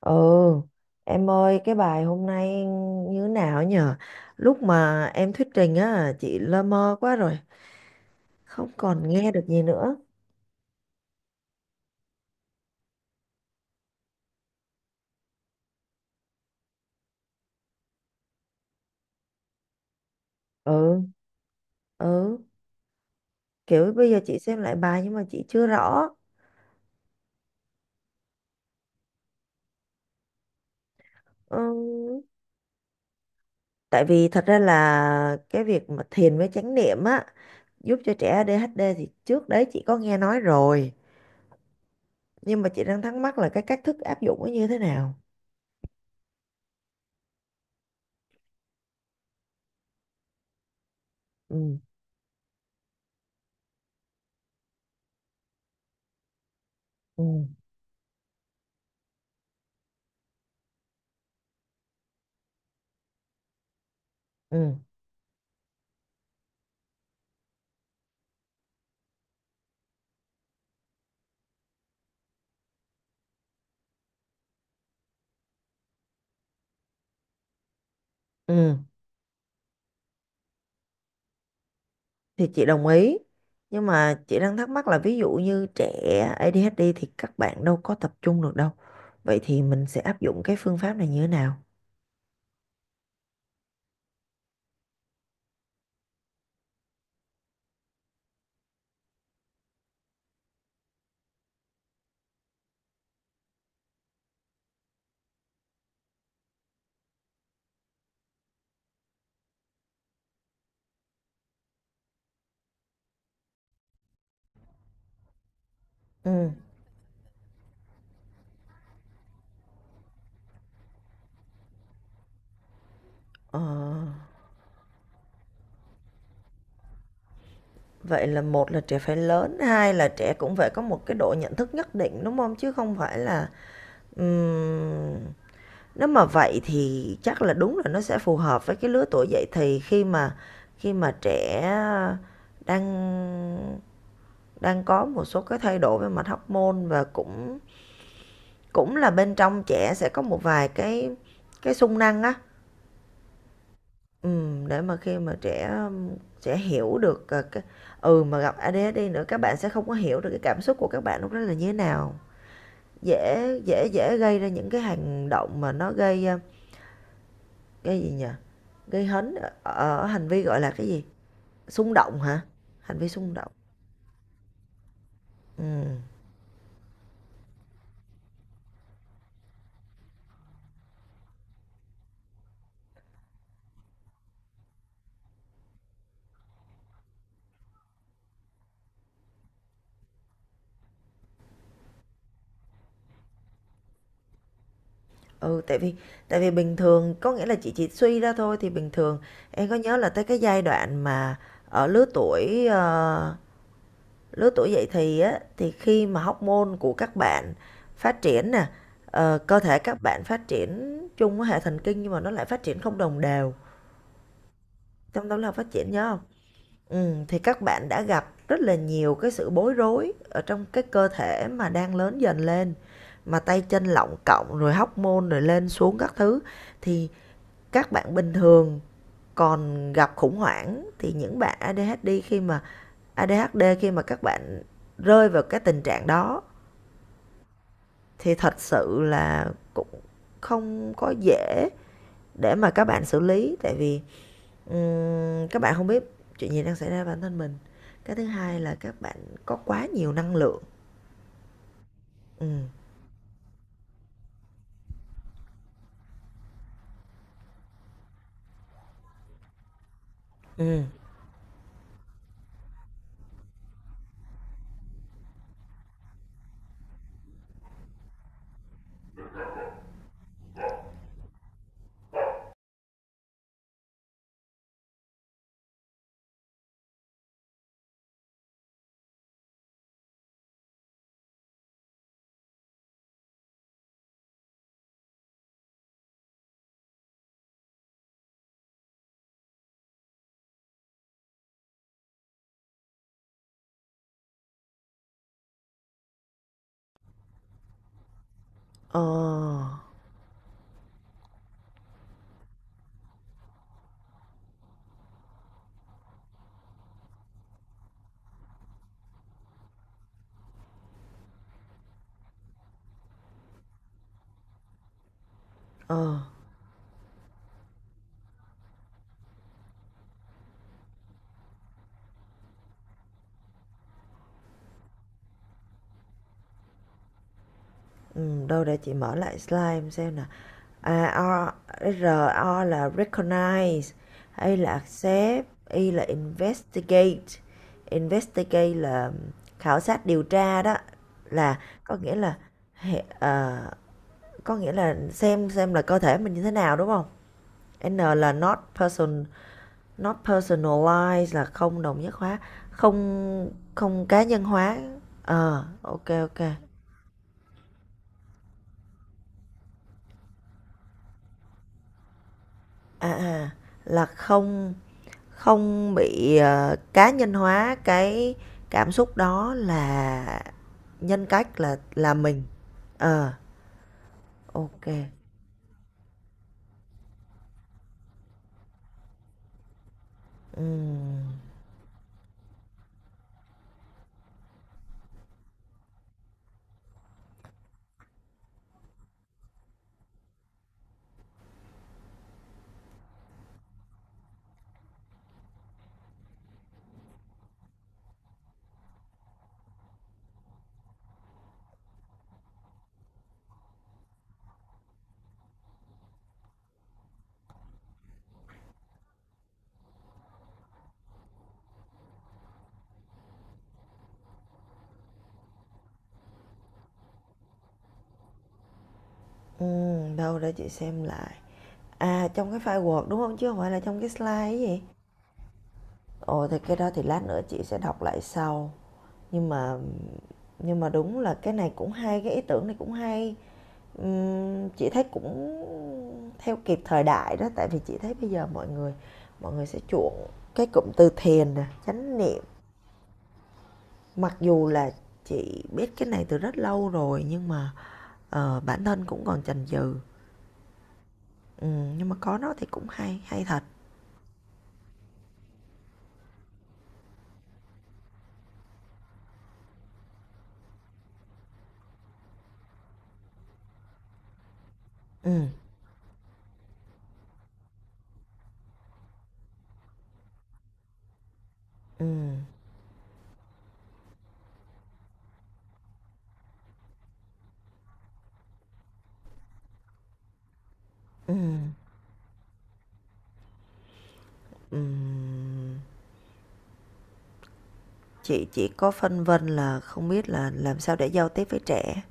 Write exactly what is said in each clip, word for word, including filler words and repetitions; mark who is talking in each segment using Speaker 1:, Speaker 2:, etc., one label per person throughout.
Speaker 1: Ừ, em ơi cái bài hôm nay như thế nào nhờ? Lúc mà em thuyết trình á, chị lơ mơ quá rồi, không còn nghe được gì nữa. Ừ, ừ, kiểu bây giờ chị xem lại bài nhưng mà chị chưa rõ. Ừ, tại vì thật ra là cái việc mà thiền với chánh niệm á, giúp cho trẻ a đê hát đê thì trước đấy chị có nghe nói rồi. Nhưng mà chị đang thắc mắc là cái cách thức áp dụng nó như thế nào? Ừ, ừ, ừ, ừ. Thì chị đồng ý nhưng mà chị đang thắc mắc là ví dụ như trẻ a đê hát đê thì các bạn đâu có tập trung được đâu, vậy thì mình sẽ áp dụng cái phương pháp này như thế nào? ừ ờ, Vậy là một là trẻ phải lớn, hai là trẻ cũng phải có một cái độ nhận thức nhất định đúng không, chứ không phải là ừm, nếu mà vậy thì chắc là đúng là nó sẽ phù hợp với cái lứa tuổi dậy thì, khi mà khi mà trẻ đang đang có một số cái thay đổi về mặt hormone, và cũng cũng là bên trong trẻ sẽ có một vài cái cái xung năng á. Ừm, để mà khi mà trẻ trẻ hiểu được, ờ, cái ừ, mà gặp a đê hát đê nữa, các bạn sẽ không có hiểu được cái cảm xúc của các bạn lúc đó là như thế nào, dễ dễ dễ gây ra những cái hành động mà nó gây, a, gây gì nhỉ? Gây hấn ở ở hành vi, gọi là, cái gì? Xung động hả? Hành vi xung động, ừm, ừ, tại vì tại vì bình thường, có nghĩa là chị chỉ suy ra thôi, thì bình thường em có nhớ là tới cái giai đoạn mà ở lứa tuổi, ờ lứa tuổi dậy thì á, thì khi mà hormone của các bạn phát triển nè, ờ, cơ thể các bạn phát triển chung với hệ thần kinh nhưng mà nó lại phát triển không đồng đều, trong đó là phát triển nhớ hông? Ừm, thì các bạn đã gặp rất là nhiều cái sự bối rối ở trong cái cơ thể mà đang lớn dần lên, mà tay chân lọng cộng rồi hormone rồi lên xuống các thứ. Thì các bạn bình thường còn gặp khủng hoảng, thì những bạn a đê hát đê khi mà a đê hát đê khi mà các bạn rơi vào cái tình trạng đó thì thật sự là cũng không có dễ để mà các bạn xử lý, tại vì ừm, các bạn không biết chuyện gì đang xảy ra với bản thân mình. Cái thứ hai là các bạn có quá nhiều năng lượng. ừ ừ ờ ờ ừ, đâu để chị mở lại slide xem nè. À, R o, là recognize, A là accept, I là investigate. Investigate là khảo sát điều tra đó, là có nghĩa là hệ- ờ, có nghĩa là xem xem là cơ thể mình như thế nào, đúng không? N là not person, not personalized, là không đồng nhất hóa, không không cá nhân hóa. Ờ, à, ok ok. À à là không. Không bị, ờ, cá nhân hóa, cái cảm xúc đó là nhân cách, là là mình. Ờ, ok. Ừm, ừm, Đâu để chị xem lại. À, trong cái file Word, đúng không? Chứ không phải là trong cái slide ấy gì? Ồ, thì cái đó thì lát nữa chị sẽ đọc lại sau. Nhưng mà nhưng mà đúng là cái này cũng hay, cái ý tưởng này cũng hay. Ừm, chị thấy cũng theo kịp thời đại đó, tại vì chị thấy bây giờ mọi người mọi người sẽ chuộng cái cụm từ thiền nè, chánh niệm. Mặc dù là chị biết cái này từ rất lâu rồi nhưng mà ờ, bản thân cũng còn chần chừ. Ừm, nhưng mà có nó thì cũng hay, hay thật. Ừm, ừm, ừm, ừm. Chị chỉ có phân vân là không biết là làm sao để giao tiếp với trẻ.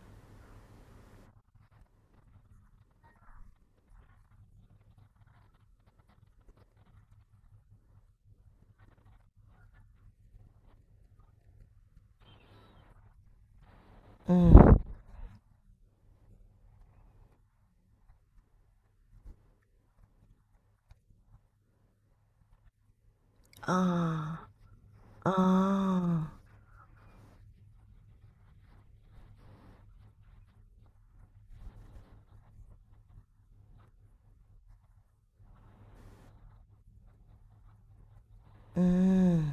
Speaker 1: Ừm. Ờ. Ờ. Ừm.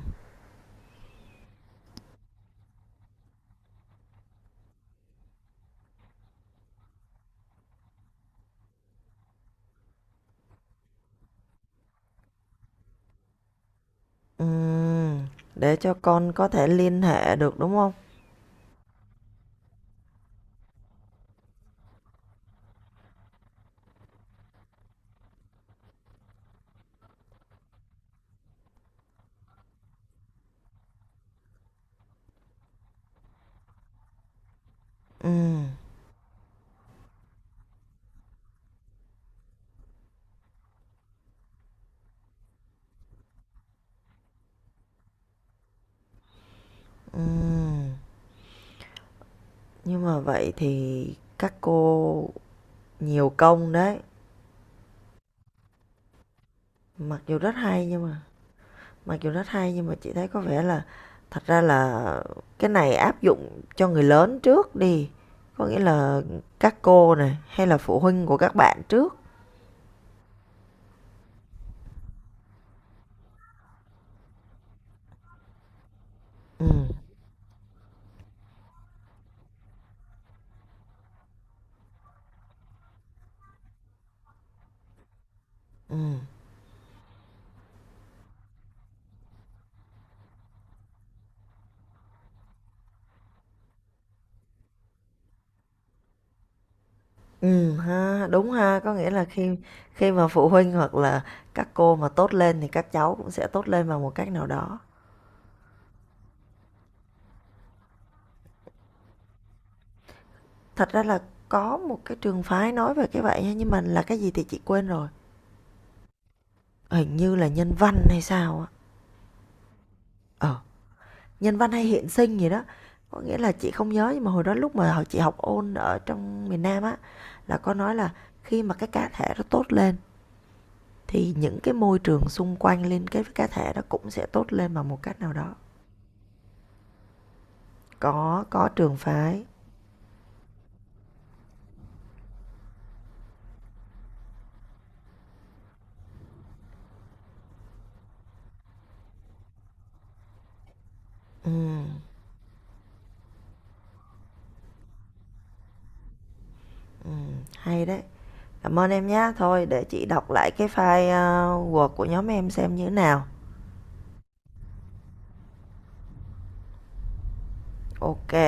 Speaker 1: Ừm, để cho con có thể liên hệ được, đúng không? Ừm, ừm, nhưng mà vậy thì các cô nhiều công đấy. Mặc dù rất hay nhưng mà mặc dù rất hay nhưng mà chị thấy có vẻ là thật ra là cái này áp dụng cho người lớn trước đi, có nghĩa là các cô này hay là phụ huynh của các bạn trước. Ừm, ừm. Ừm ha, đúng ha, có nghĩa là khi khi mà phụ huynh hoặc là các cô mà tốt lên thì các cháu cũng sẽ tốt lên bằng một cách nào đó. Thật ra là có một cái trường phái nói về cái vậy nha, nhưng mà là cái gì thì chị quên rồi. Hình như là nhân văn hay sao á. Ờ, nhân văn hay hiện sinh gì đó. Có nghĩa là chị không nhớ, nhưng mà hồi đó lúc mà hồi chị học ôn ở trong miền Nam á là có nói là khi mà cái cá thể nó tốt lên thì những cái môi trường xung quanh liên kết với cá thể đó cũng sẽ tốt lên bằng một cách nào đó. có có trường phái. ừ, ừ, Hay đấy, cảm ơn em nhé, thôi để chị đọc lại cái file ờ, Word của nhóm em xem như thế nào. Ok.